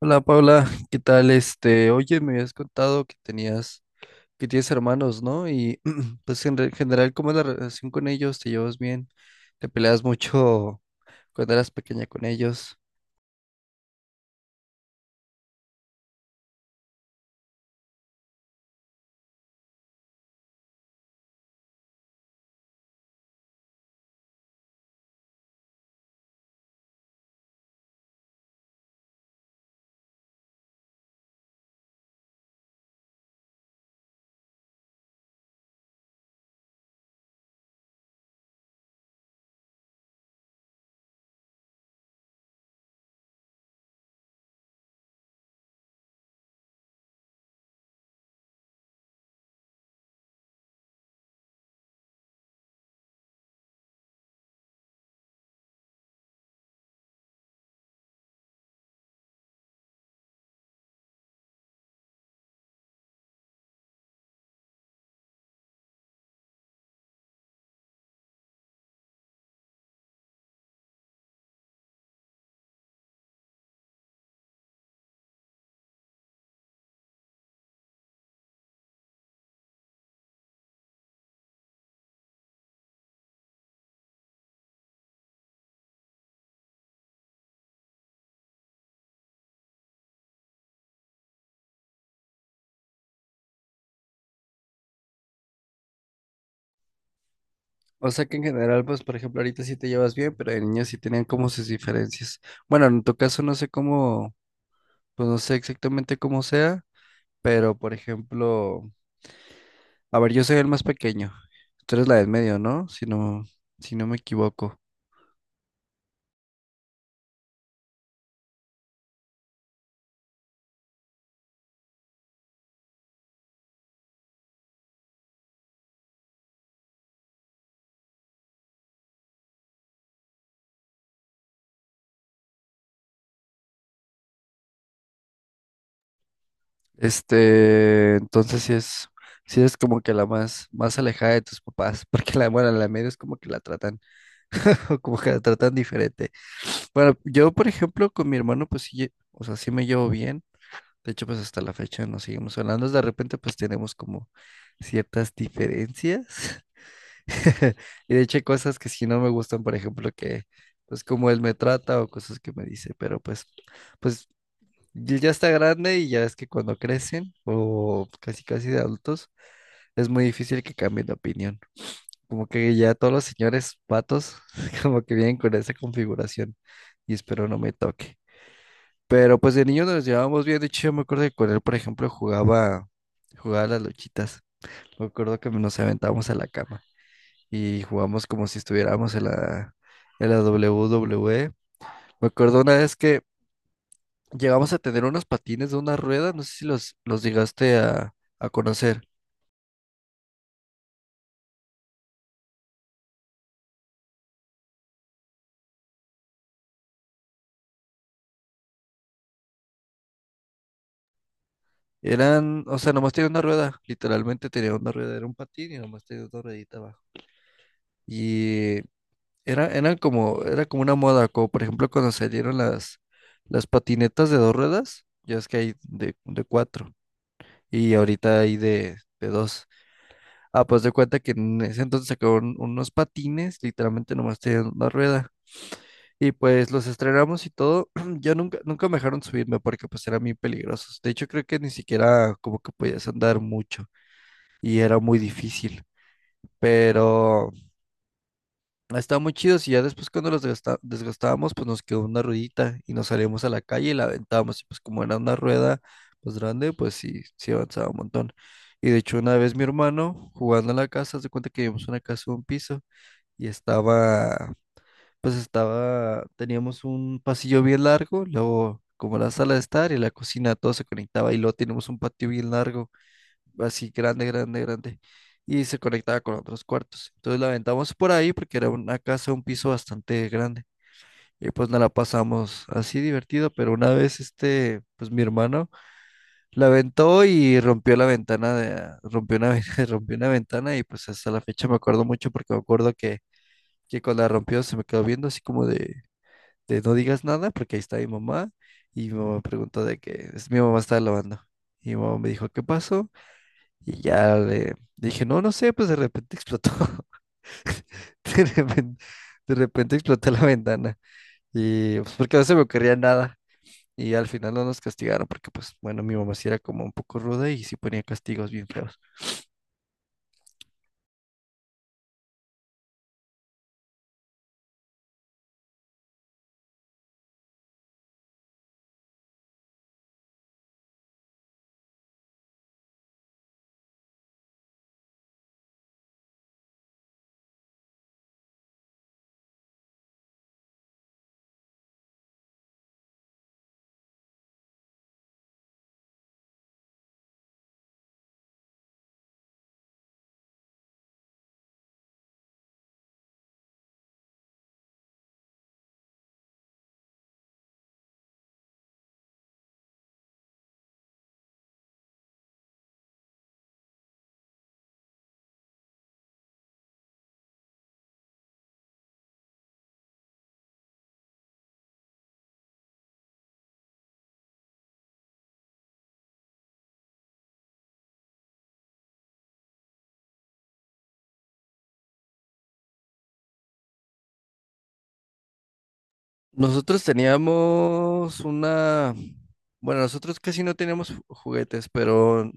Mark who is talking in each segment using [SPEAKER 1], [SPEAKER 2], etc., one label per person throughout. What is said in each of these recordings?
[SPEAKER 1] Hola Paula, ¿qué tal? Oye, me habías contado que tenías, que tienes hermanos, ¿no? Y pues general, ¿cómo es la relación con ellos? ¿Te llevas bien? ¿Te peleas mucho cuando eras pequeña con ellos? O sea que en general, pues por ejemplo, ahorita sí te llevas bien, pero de niños sí tenían como sus diferencias. Bueno, en tu caso no sé cómo, pues no sé exactamente cómo sea, pero por ejemplo, a ver, yo soy el más pequeño. Tú eres la del medio, ¿no? Si no, si no me equivoco. Entonces sí es como que la más, más alejada de tus papás, porque la, bueno, la media es como que la tratan, como que la tratan diferente. Bueno, yo, por ejemplo, con mi hermano, pues sí, o sea, sí me llevo bien. De hecho, pues hasta la fecha nos seguimos hablando. De repente, pues tenemos como ciertas diferencias. Y de hecho, hay cosas que sí no me gustan, por ejemplo, que, pues como él me trata o cosas que me dice, pero pues, ya está grande y ya es que cuando crecen o casi casi de adultos es muy difícil que cambien de opinión. Como que ya todos los señores patos como que vienen con esa configuración y espero no me toque. Pero pues de niño nos llevábamos bien. De hecho yo me acuerdo que con él, por ejemplo, jugaba a las luchitas. Me acuerdo que nos aventábamos a la cama y jugamos como si estuviéramos en la w WWE. Me acuerdo una vez que llegamos a tener unos patines de una rueda, no sé si los llegaste a conocer. Eran, o sea, nomás tenía una rueda, literalmente tenía una rueda, era un patín y nomás tenía una ruedita abajo. Y era, eran como, era como una moda, como por ejemplo cuando salieron las patinetas de dos ruedas, ya es que hay de cuatro y ahorita hay de dos. Ah, pues de cuenta que en ese entonces sacaron unos patines, literalmente nomás tenían una rueda. Y pues los estrenamos y todo. Yo nunca me dejaron subirme porque pues eran muy peligrosos. De hecho, creo que ni siquiera como que podías andar mucho y era muy difícil. Pero estaban muy chidos y ya después cuando los desgastábamos, pues nos quedó una ruedita y nos salíamos a la calle y la aventábamos. Y pues como era una rueda pues grande, pues sí, sí avanzaba un montón. Y de hecho una vez mi hermano jugando en la casa, se cuenta que vivimos en una casa de un piso y estaba, teníamos un pasillo bien largo, luego como la sala de estar y la cocina, todo se conectaba y luego teníamos un patio bien largo, así grande, grande, grande, y se conectaba con otros cuartos. Entonces la aventamos por ahí porque era una casa, un piso bastante grande. Y pues nos la pasamos así divertido, pero una vez pues mi hermano la aventó y rompió rompió rompió una ventana y pues hasta la fecha me acuerdo mucho porque que cuando la rompió se me quedó viendo así como de no digas nada porque ahí está mi mamá. Y mi mamá preguntó de que es mi mamá estaba lavando. Y mi mamá me dijo, ¿qué pasó? Y ya le dije, no, no sé, pues de repente explotó. De repente, de repente explotó la ventana. Y pues porque no se me ocurría nada. Y al final no nos castigaron porque pues bueno, mi mamá sí era como un poco ruda y sí ponía castigos bien feos. Nosotros teníamos una... Bueno, nosotros casi no teníamos juguetes, pero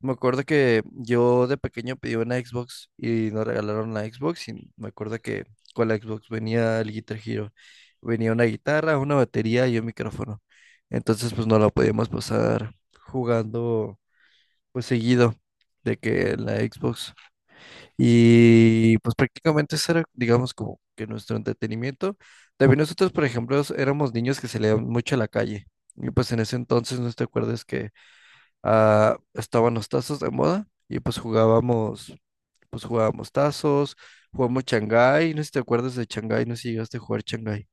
[SPEAKER 1] me acuerdo que yo de pequeño pedí una Xbox y nos regalaron la Xbox y me acuerdo que con la Xbox venía el Guitar Hero, venía una guitarra, una batería y un micrófono. Entonces pues no la podíamos pasar jugando pues seguido de que en la Xbox. Y pues prácticamente eso era, digamos, como que nuestro entretenimiento. También nosotros, por ejemplo, éramos niños que salían mucho a la calle. Y pues en ese entonces, no te acuerdas que ah, estaban los tazos de moda y pues pues jugábamos tazos, jugamos Shanghái, no sé si te acuerdas de Shanghái, no sé si llegaste a jugar Shanghái.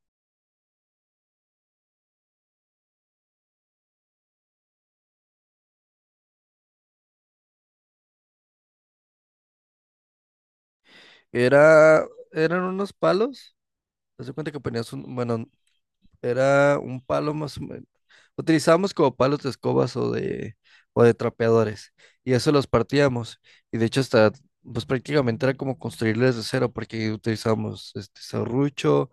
[SPEAKER 1] Era, eran unos palos, haz de cuenta que bueno, era un palo más o menos, utilizábamos como palos de escobas o de trapeadores y eso los partíamos y de hecho hasta... Pues prácticamente era como construirles de cero porque utilizábamos este serrucho,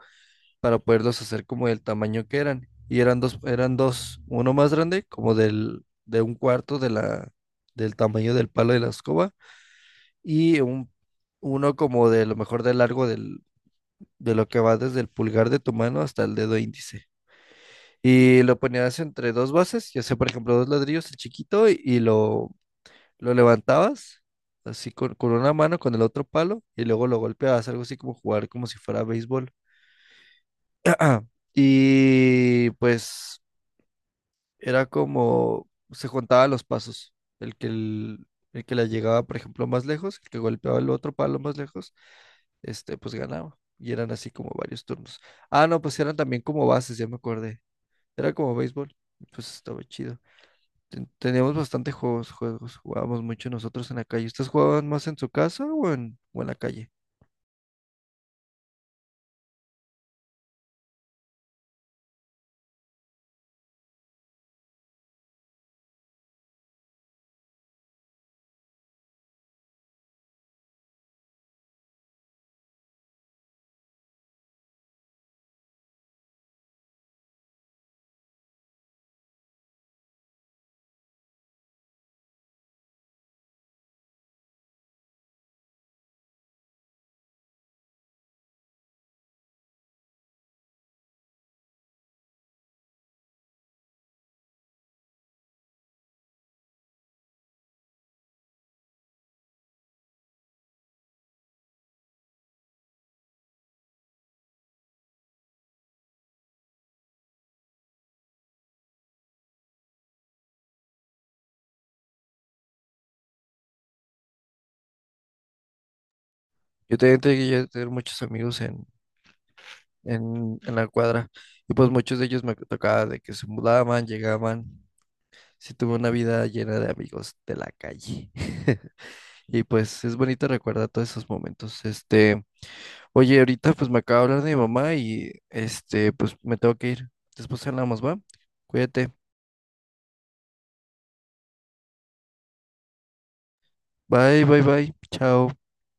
[SPEAKER 1] para poderlos hacer como del tamaño que eran. Y eran dos, uno más grande, de un cuarto de del tamaño del palo de la escoba, y un, uno como de lo mejor de largo de lo que va desde el pulgar de tu mano hasta el dedo índice. Y lo ponías entre dos bases, ya sea por ejemplo dos ladrillos, el chiquito, y lo levantabas así con una mano, con el otro palo, y luego lo golpeabas, algo así como jugar como si fuera béisbol. Y pues era como se juntaban los pasos. El que, el, el que la llegaba, por ejemplo, más lejos, el que golpeaba el otro palo más lejos, pues ganaba. Y eran así como varios turnos. Ah, no, pues eran también como bases, ya me acordé. Era como béisbol. Y pues estaba chido. Teníamos bastante juegos. Jugábamos mucho nosotros en la calle. ¿Ustedes jugaban más en su casa o en la calle? Yo también llegué a tener muchos amigos en la cuadra. Y pues muchos de ellos me tocaba de que se mudaban, llegaban. Sí tuve una vida llena de amigos de la calle. Y pues es bonito recordar todos esos momentos. Oye, ahorita pues me acaba de hablar de mi mamá y pues me tengo que ir. Después hablamos, ¿va? Cuídate. Bye, bye, bye. Chao.